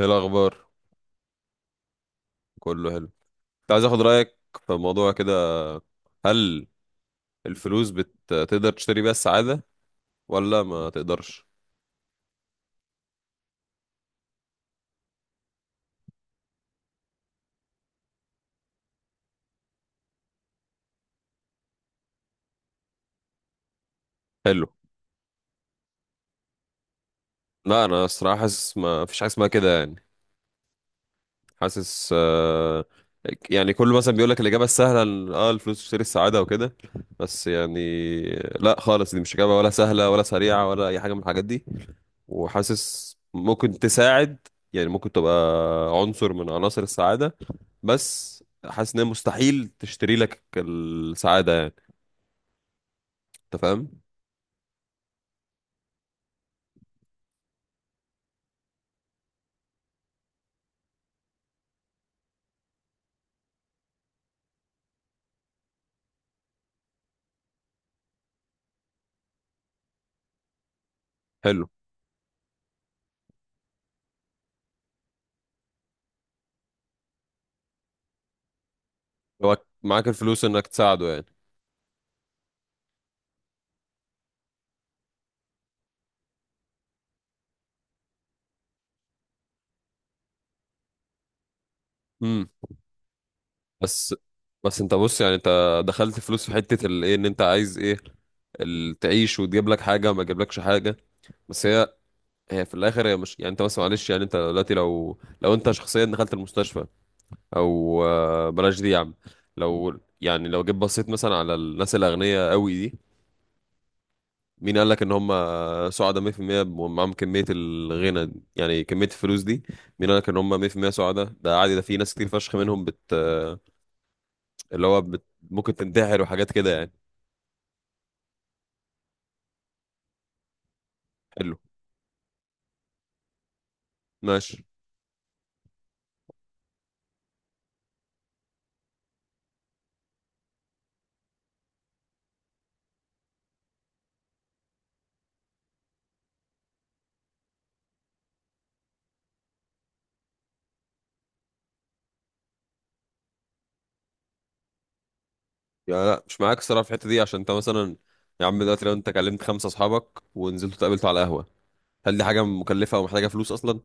ايه الاخبار. كله حلو. كنت عايز اخد رايك في موضوع كده. هل الفلوس بتقدر تشتري بيها السعاده ولا ما تقدرش؟ حلو. لا، انا الصراحه حاسس ما فيش حاجه اسمها كده يعني. حاسس. يعني كله مثلا بيقول لك الاجابه السهله إن الفلوس تشتري السعاده وكده، بس يعني لا خالص، دي مش اجابه، ولا سهله، ولا سريعه، ولا اي حاجه من الحاجات دي. وحاسس ممكن تساعد، يعني ممكن تبقى عنصر من عناصر السعادة، بس حاسس ان هي مستحيل تشتري لك السعادة يعني. انت فاهم؟ حلو. لو معاك الفلوس انك تساعده يعني. امم بس، انت بص، يعني انت دخلت فلوس في حتة الايه؟ ان انت عايز ايه؟ تعيش وتجيب لك حاجة، ما تجيبلكش حاجة. بس هي، هي في الاخر، هي مش يعني انت، بس معلش، يعني انت دلوقتي لو انت شخصيا دخلت المستشفى، او بلاش دي يا عم. لو يعني لو جيت بصيت مثلا على الناس الاغنياء قوي دي، مين قال لك ان هم سعداء 100% ومعاهم كميه الغنى دي؟ يعني كميه الفلوس دي. مين قال لك ان هم 100% سعداء؟ ده عادي، ده في ناس كتير فشخ منهم بت آه، اللي هو ممكن تنتحر وحاجات كده يعني. حلو، ماشي. يعني لا مش معاك الصراحه في الحته دي، عشان انت مثلا يا عم دلوقتي لو انت كلمت خمسه اصحابك ونزلتوا اتقابلتوا على قهوه، هل دي حاجه مكلفه ومحتاجه فلوس اصلا؟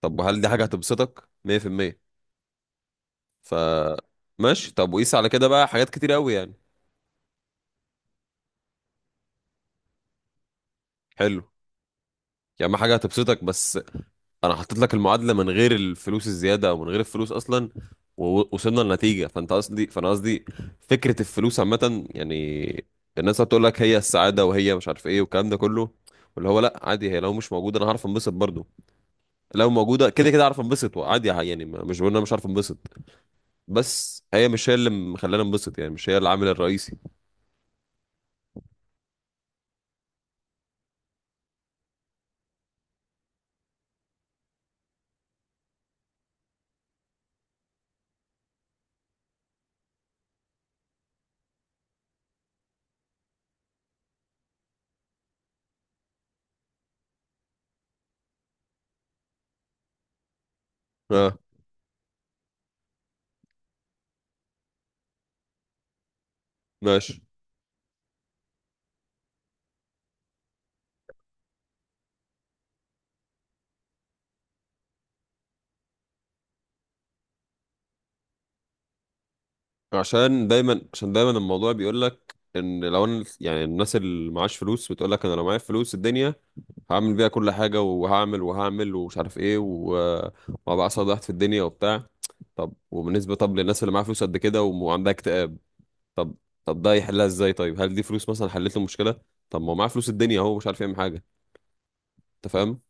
طب وهل دي حاجه هتبسطك 100%؟ ف ماشي. طب وقيس على كده بقى حاجات كتير قوي يعني. حلو. يعني ما حاجه هتبسطك، بس انا حطيت لك المعادله من غير الفلوس الزياده، او من غير الفلوس اصلا، ووصلنا لنتيجه. فانت قصدي فانا قصدي، فكره الفلوس عامه يعني. الناس هتقول لك هي السعاده، وهي مش عارف ايه، والكلام ده كله، واللي هو لا عادي، هي لو مش موجوده انا هعرف انبسط برضو. لو موجوده كده كده هعرف انبسط، وعادي يعني، مش بقول إن انا مش عارف انبسط، بس هي مش هي اللي مخلاني انبسط يعني، مش هي العامل الرئيسي. اه، ماشي. عشان دايما الموضوع بيقول لك ان، لو انا يعني الناس اللي معاش فلوس بتقول لك انا لو معايا فلوس الدنيا هعمل بيها كل حاجه، وهعمل وهعمل ومش عارف ايه، وهبقى اسعد واحد في الدنيا وبتاع. طب وبالنسبه، طب للناس اللي معاها فلوس قد كده وعندها اكتئاب؟ طب، طب ده يحلها ازاي؟ طيب، هل دي فلوس مثلا حلت له مشكله؟ طب ما هو معاه فلوس الدنيا اهو مش عارف يعمل حاجه. انت فاهم؟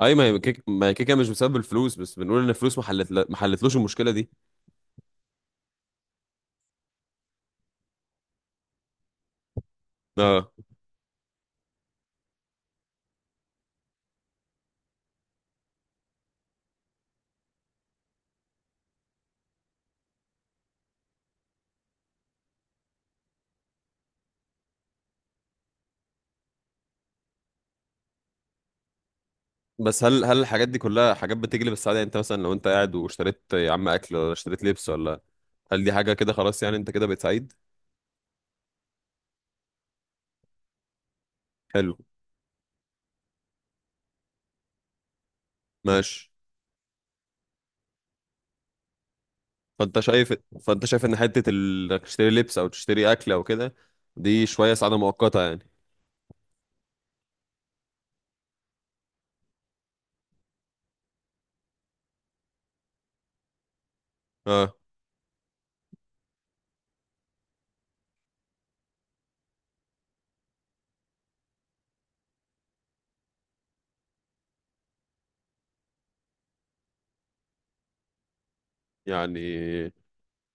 اي ما هي ما هي كيكه مش بسبب الفلوس، بس بنقول ان الفلوس ما حلتلوش المشكله دي. بس هل الحاجات دي كلها حاجات بتجلب السعادة؟ يعني انت مثلا لو انت قاعد واشتريت يا عم اكل، ولا اشتريت لبس، ولا هل دي حاجة كده خلاص يعني انت كده بقيت سعيد؟ حلو، ماشي. فانت شايف فانت شايف ان حتة انك تشتري لبس او تشتري اكل او كده، دي شوية سعادة مؤقتة يعني. اه. يعني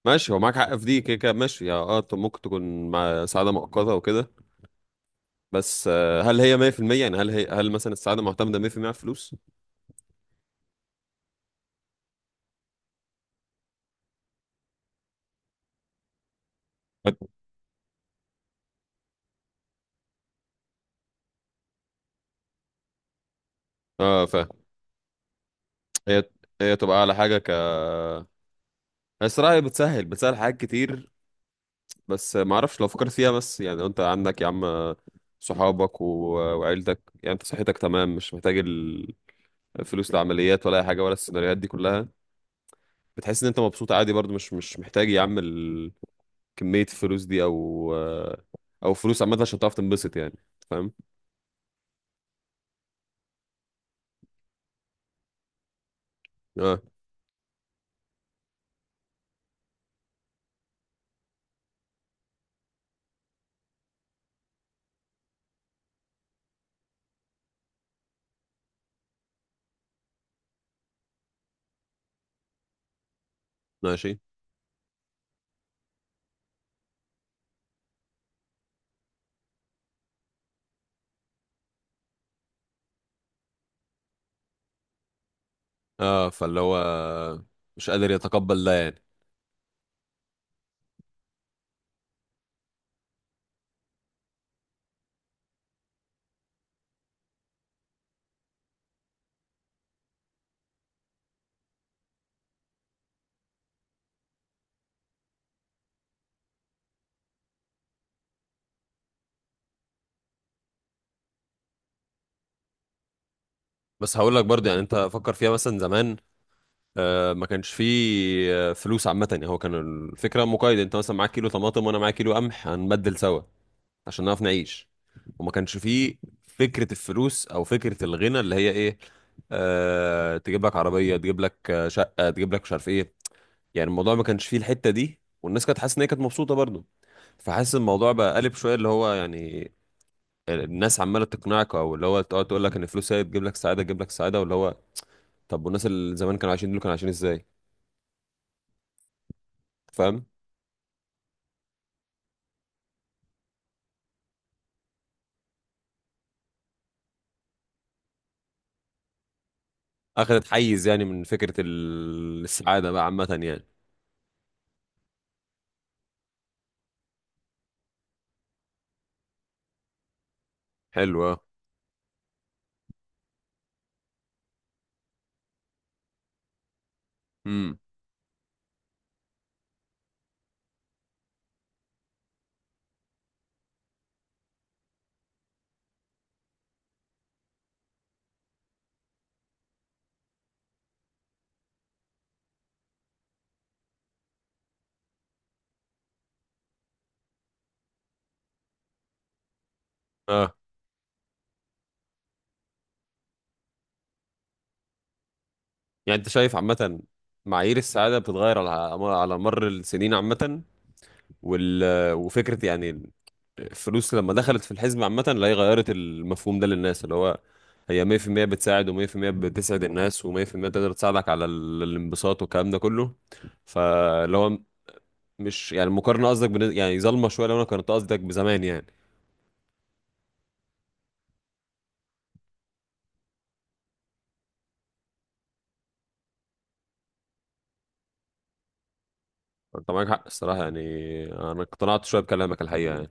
ماشي، هو معاك حق في دي، كده كده ماشي يا طب. ممكن تكون مع سعادة مؤقتة وكده، بس هل هي 100%؟ يعني هل هي، هل مثلا السعادة معتمدة 100% على الفلوس؟ اه، فهي، هي هي تبقى على حاجة. بس رأيي بتسهل حاجات كتير، بس ما اعرفش. لو فكرت فيها بس، يعني لو انت عندك يا عم صحابك و... وعيلتك، يعني انت صحتك تمام مش محتاج الفلوس لعمليات، ولا اي حاجه، ولا السيناريوهات دي كلها، بتحس ان انت مبسوط عادي برضو. مش محتاج يا عم كميه الفلوس دي، او او فلوس عامه، عشان تعرف تنبسط يعني. فاهم؟ اه، ماشي. اه فاللي هو مش قادر يتقبل ده يعني. بس هقول لك برضه يعني، انت فكر فيها مثلا زمان، ما كانش فيه، فلوس عامة يعني. هو كان الفكرة مقايضة، انت مثلا معاك كيلو طماطم وانا معايا كيلو قمح، هنبدل سوا عشان نعرف نعيش، وما كانش فيه فكرة الفلوس، او فكرة الغنى اللي هي ايه؟ أه تجيب لك عربية، تجيب لك شقة، تجيب لك مش عارف ايه. يعني الموضوع ما كانش فيه الحتة دي، والناس كانت حاسة ان هي كانت مبسوطة برضه. فحاسس الموضوع بقى قلب شوية، اللي هو يعني الناس عمالة تقنعك، او اللي هو تقعد تقول لك ان الفلوس هي تجيب لك سعادة، تجيب لك سعادة، واللي هو، طب والناس اللي زمان كانوا عايشين دول كانوا عايشين ازاي؟ فاهم؟ اخذت حيز يعني من فكره السعاده بقى عامه يعني. حلو، اه، امم اه. يعني انت شايف عامه معايير السعاده بتتغير على، على مر السنين عامه، وال... وفكره يعني الفلوس لما دخلت في الحزب عامه، لا هي غيرت المفهوم ده للناس، اللي هو هي 100% بتساعد، و100% بتسعد الناس، و100% تقدر تساعدك على الانبساط والكلام ده كله، فاللي هو مش يعني المقارنه قصدك يعني ظالمه شويه لو انا كنت قصدك بزمان يعني. انت معاك حق الصراحه يعني. انا اقتنعت شويه بكلامك، الحقيقه يعني.